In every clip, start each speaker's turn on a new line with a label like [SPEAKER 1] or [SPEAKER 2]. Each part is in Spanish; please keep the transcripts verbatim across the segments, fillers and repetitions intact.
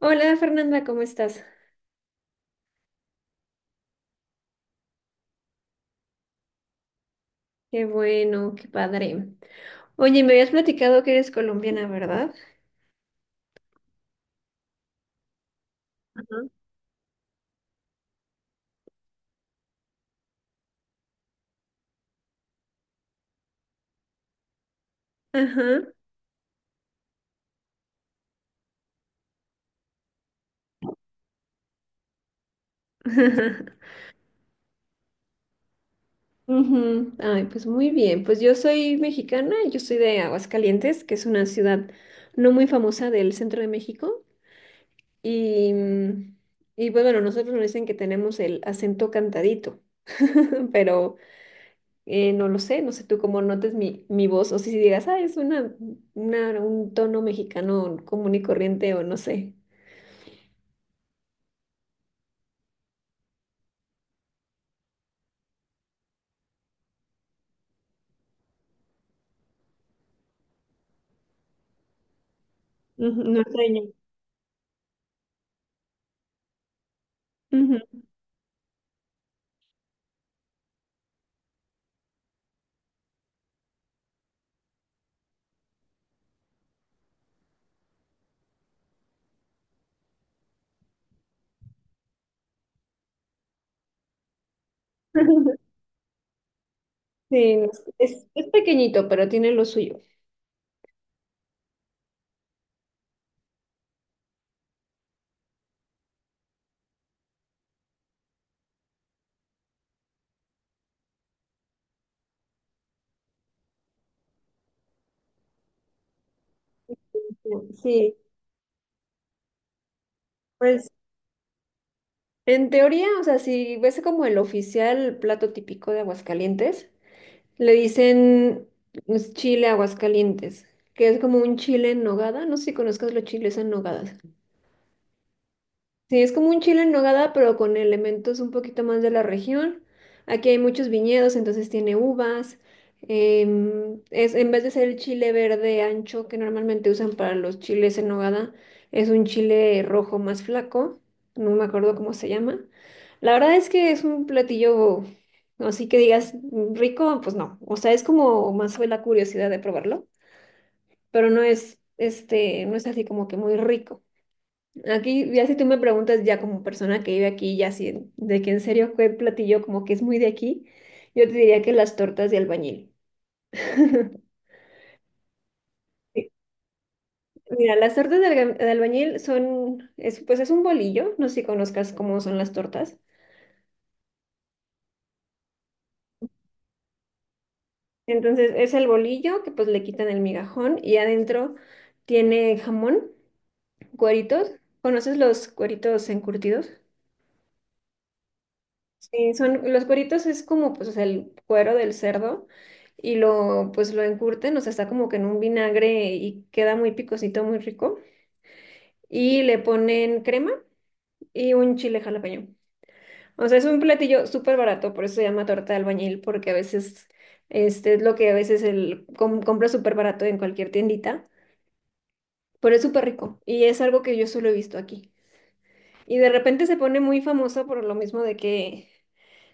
[SPEAKER 1] Hola Fernanda, ¿cómo estás? Qué bueno, qué padre. Oye, me habías platicado que eres colombiana, ¿verdad? Ajá. Ajá. Ujú. Ay, pues muy bien. Pues yo soy mexicana, yo soy de Aguascalientes, que es una ciudad no muy famosa del centro de México. Y, mm, y pues bueno, nosotros nos dicen que tenemos el acento cantadito, pero eh, no lo sé, no sé tú cómo notes mi, mi voz o si digas, ah, es una, una- un tono mexicano común y corriente o no sé. Ujú, norteño. Ujú. Sí, no, es, es- es pequeñito, pero tiene lo suyo. Sí, pues en teoría, o sea, si ves como el oficial plato típico de Aguascalientes, le dicen pues, chile Aguascalientes, que es como un chile en nogada. No sé si conozcas los chiles en nogada. Sí, es como un chile en nogada, pero con elementos un poquito más de la región. Aquí hay muchos viñedos, entonces tiene uvas. Em, es, en vez de ser el chile verde ancho que normalmente usan para los chiles en nogada, es un chile rojo más flaco. No me acuerdo cómo se llama. La verdad es que es un platillo, así que digas "Mm, rico, pues no. O sea, es como más fue la curiosidad de probarlo, pero no es, este, no es así como que muy rico. Aquí, ya si tú me preguntas ya como persona que vive aquí, ya si de que en serio fue platillo como que es muy de aquí, yo te diría que las tortas de albañil. Sí, mira, las tortas de, alga- de albañil son, es, pues es un bolillo, no sé si conozcas cómo son las tortas. Entonces es el bolillo que pues le quitan el migajón y adentro tiene jamón, cueritos. ¿Conoces los cueritos encurtidos? Sí, son, los cueritos es como, pues, o sea, el cuero del cerdo y lo, pues, lo encurten, o sea, está como que en un vinagre y queda muy picosito, muy rico. Y le ponen crema y un chile jalapeño. O sea, es un platillo súper barato, por eso se llama torta de albañil, porque a veces, este, es lo que a veces el com- compra súper barato en cualquier tiendita, pero es súper rico y es algo que yo solo he visto aquí. Y de repente se pone muy famosa por lo mismo de que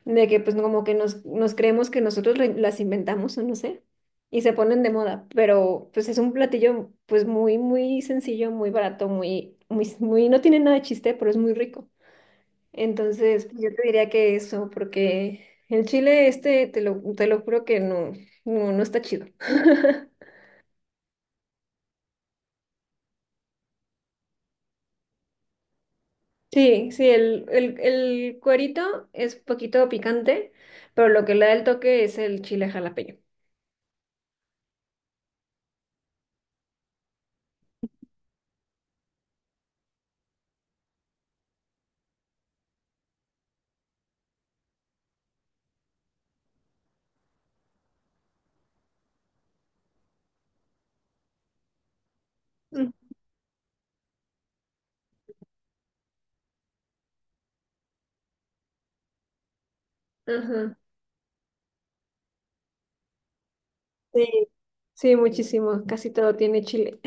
[SPEAKER 1] de que pues como que nos, nos creemos que nosotros lo- las inventamos o no sé, y se ponen de moda, pero pues es un platillo pues muy, muy sencillo, muy barato, muy, muy, muy, no tiene nada de chiste, pero es muy rico. Entonces, pues, yo te diría que eso, porque el chile este, te lo, te lo juro que no, no, no está chido. Sí, sí, el, el, el cuerito es poquito picante, pero lo que le da el toque es el chile jalapeño. Mm. Ajá. Sí, sí, muchísimo. Casi todo tiene chile.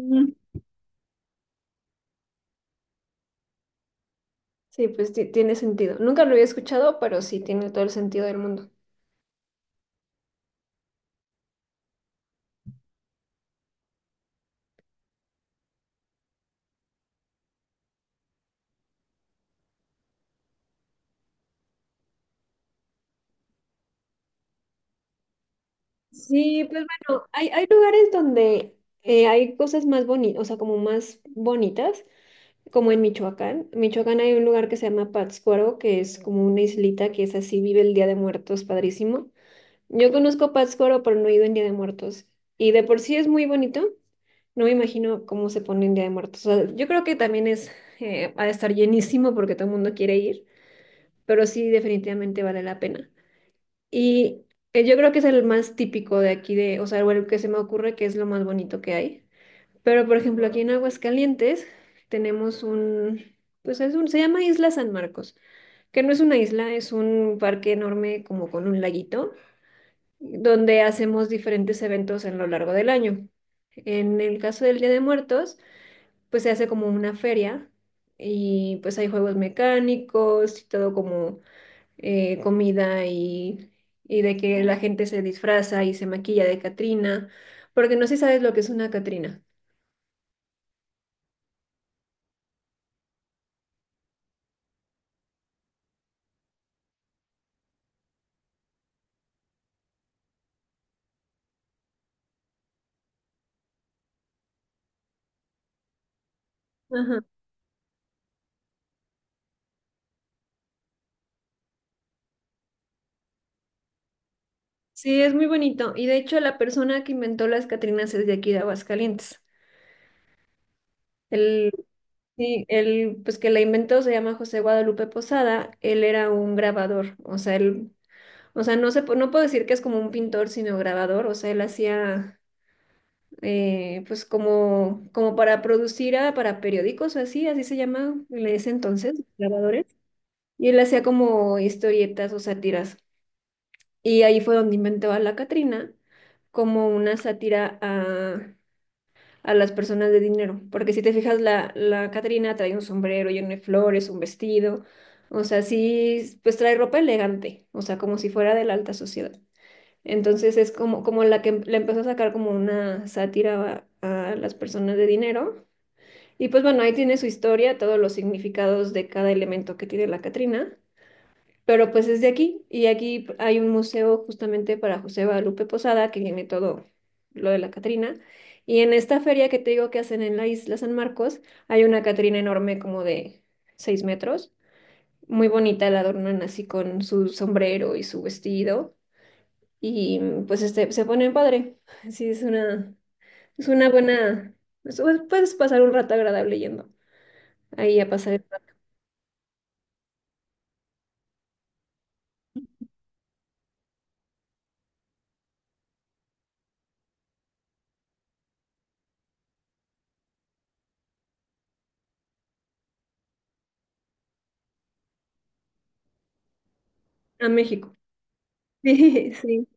[SPEAKER 1] Mm. Sí, pues ti- tiene sentido. Nunca lo había escuchado, pero sí tiene todo el sentido del mundo. Sí, pues bueno, hay, hay lugares donde eh, hay cosas más bonitas, o sea, como más bonitas, como en Michoacán. En Michoacán hay un lugar que se llama Pátzcuaro, que es como una islita que es así, vive el Día de Muertos, padrísimo. Yo conozco Pátzcuaro, pero no he ido en Día de Muertos. Y de por sí es muy bonito. No me imagino cómo se pone en Día de Muertos. O sea, yo creo que también es, eh, ha de estar llenísimo porque todo el mundo quiere ir, pero sí, definitivamente vale la pena. Y eh, yo creo que es el más típico de aquí, de, o sea, o el que se me ocurre que es lo más bonito que hay. Pero, por ejemplo, aquí en Aguascalientes tenemos un, pues es un, se llama Isla San Marcos, que no es una isla, es un parque enorme como con un laguito donde hacemos diferentes eventos en lo largo del año. En el caso del Día de Muertos, pues se hace como una feria y pues hay juegos mecánicos y todo como eh, comida y, y de que la gente se disfraza y se maquilla de Catrina, porque no sé si sabes lo que es una Catrina. Ajá. Sí, es muy bonito. Y de hecho la persona que inventó las Catrinas es de aquí de Aguascalientes. Él Sí, el pues que la inventó se llama José Guadalupe Posada, él era un grabador, o sea, él, o sea, no se, pu- no puedo decir que es como un pintor, sino grabador, o sea, él hacía eh, pues como, como para producir a- para periódicos o así, así se llama en ese entonces, grabadores, y él hacía como historietas o sátiras, y ahí fue donde inventó a la Catrina como una sátira a las personas de dinero, porque si te fijas, la, la Catrina trae un sombrero lleno de flores, un vestido, o sea, sí, pues trae ropa elegante, o sea, como si fuera de la alta sociedad. Entonces es como, como la que em- le empezó a sacar como una sátira a, a las personas de dinero. Y pues bueno, ahí tiene su historia, todos los significados de cada elemento que tiene la Catrina. Pero pues es de aquí y aquí hay un museo justamente para José Guadalupe Posada que tiene todo lo de la Catrina. Y en esta feria que te digo que hacen en la isla San Marcos, hay una Catrina enorme como de seis metros. Muy bonita, la adornan así con su sombrero y su vestido. Y mm, pues este, se ponen padre. Sí, es una, es una buena... es- Puedes pasar un rato agradable yendo ahí a pasar el rato a México. Sí,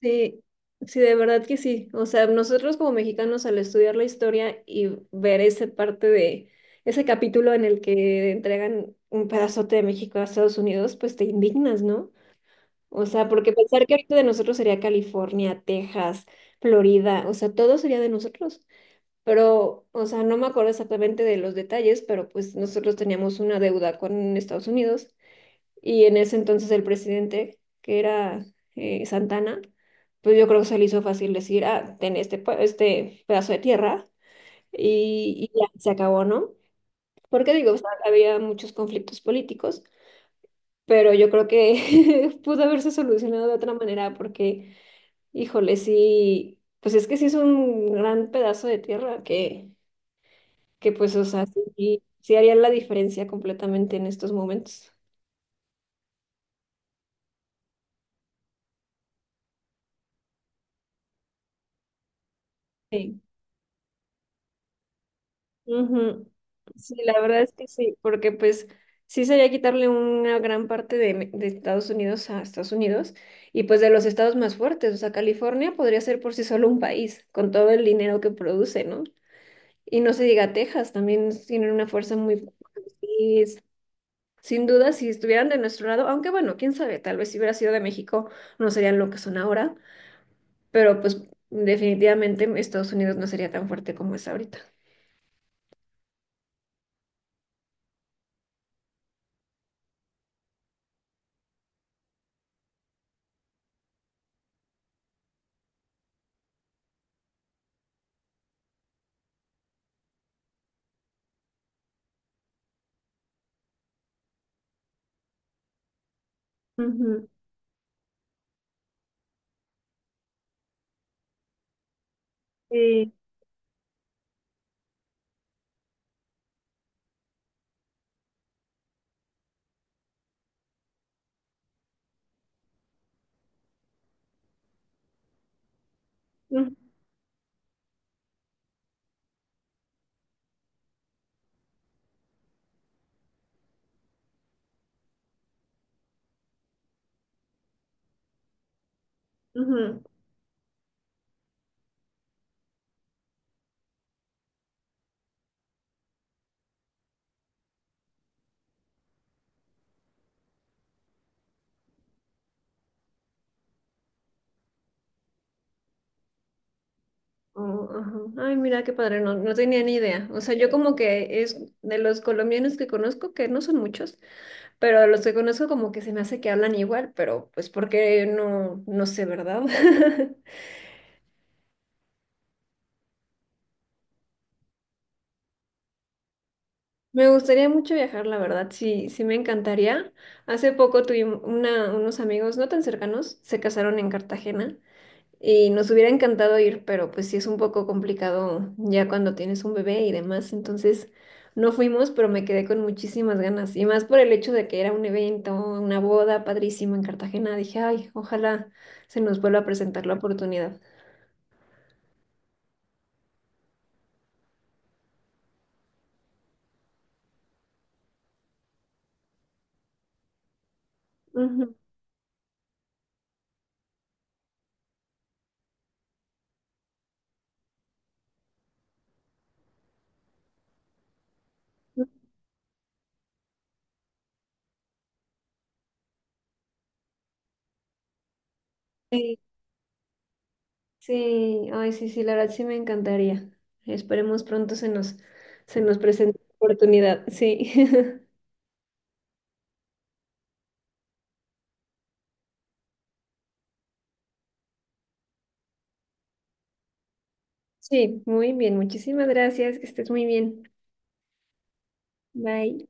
[SPEAKER 1] Sí, sí, de verdad que sí. O sea, nosotros como mexicanos al estudiar la historia y ver ese parte de ese capítulo en el que entregan un pedazote de México a Estados Unidos, pues te indignas, ¿no? O sea, porque pensar que ahorita de nosotros sería California, Texas, Florida, o sea, todo sería de nosotros. Pero, o sea, no me acuerdo exactamente de los detalles, pero pues nosotros teníamos una deuda con Estados Unidos y en ese entonces el presidente, que era eh, Santana, pues yo creo que se le hizo fácil decir, ah, ten este, pue- este pedazo de tierra y, y ya se acabó, ¿no? Porque digo, o sea, había muchos conflictos políticos, pero yo creo que pudo haberse solucionado de otra manera porque, híjole, sí, pues es que sí es un gran pedazo de tierra que, que pues, o sea, sí, sí haría la diferencia completamente en estos momentos. sí Ujú. Sí, la verdad es que sí, porque pues sí sería quitarle una gran parte de, Me- de Estados Unidos a Estados Unidos y pues de los estados más fuertes, o sea, California podría ser por sí solo un país con todo el dinero que produce, ¿no? Y no se diga Texas, también tienen una fuerza muy fuerte. Y es- sin duda, si estuvieran de nuestro lado, aunque bueno, quién sabe, tal vez si hubiera sido de México no serían lo que son ahora, pero pues definitivamente Estados Unidos no sería tan fuerte como es ahorita. Ujú. Sí. Ujú. Oh, ajá. Ay, mira qué padre, no, no tenía ni idea. O sea, yo como que es de los colombianos que conozco, que no son muchos, pero de los que conozco como que se me hace que hablan igual, pero pues porque no, no sé, ¿verdad? Me gustaría mucho viajar, la verdad, sí, sí me encantaría. Hace poco tuvimos una, unos amigos no tan cercanos, se casaron en Cartagena Y nos hubiera encantado ir, pero pues sí es un poco complicado ya cuando tienes un bebé y demás. Entonces no fuimos, pero me quedé con muchísimas ganas. Y más por el hecho de que era un evento, una boda padrísima en Cartagena. Dije, ay, ojalá se nos vuelva a presentar la oportunidad. Ujú. Sí, sí, ay, sí, sí, la verdad sí me encantaría. Esperemos pronto se nos, se nos presente la oportunidad. Sí. Sí, muy bien. Muchísimas gracias. Que estés muy bien. Bye.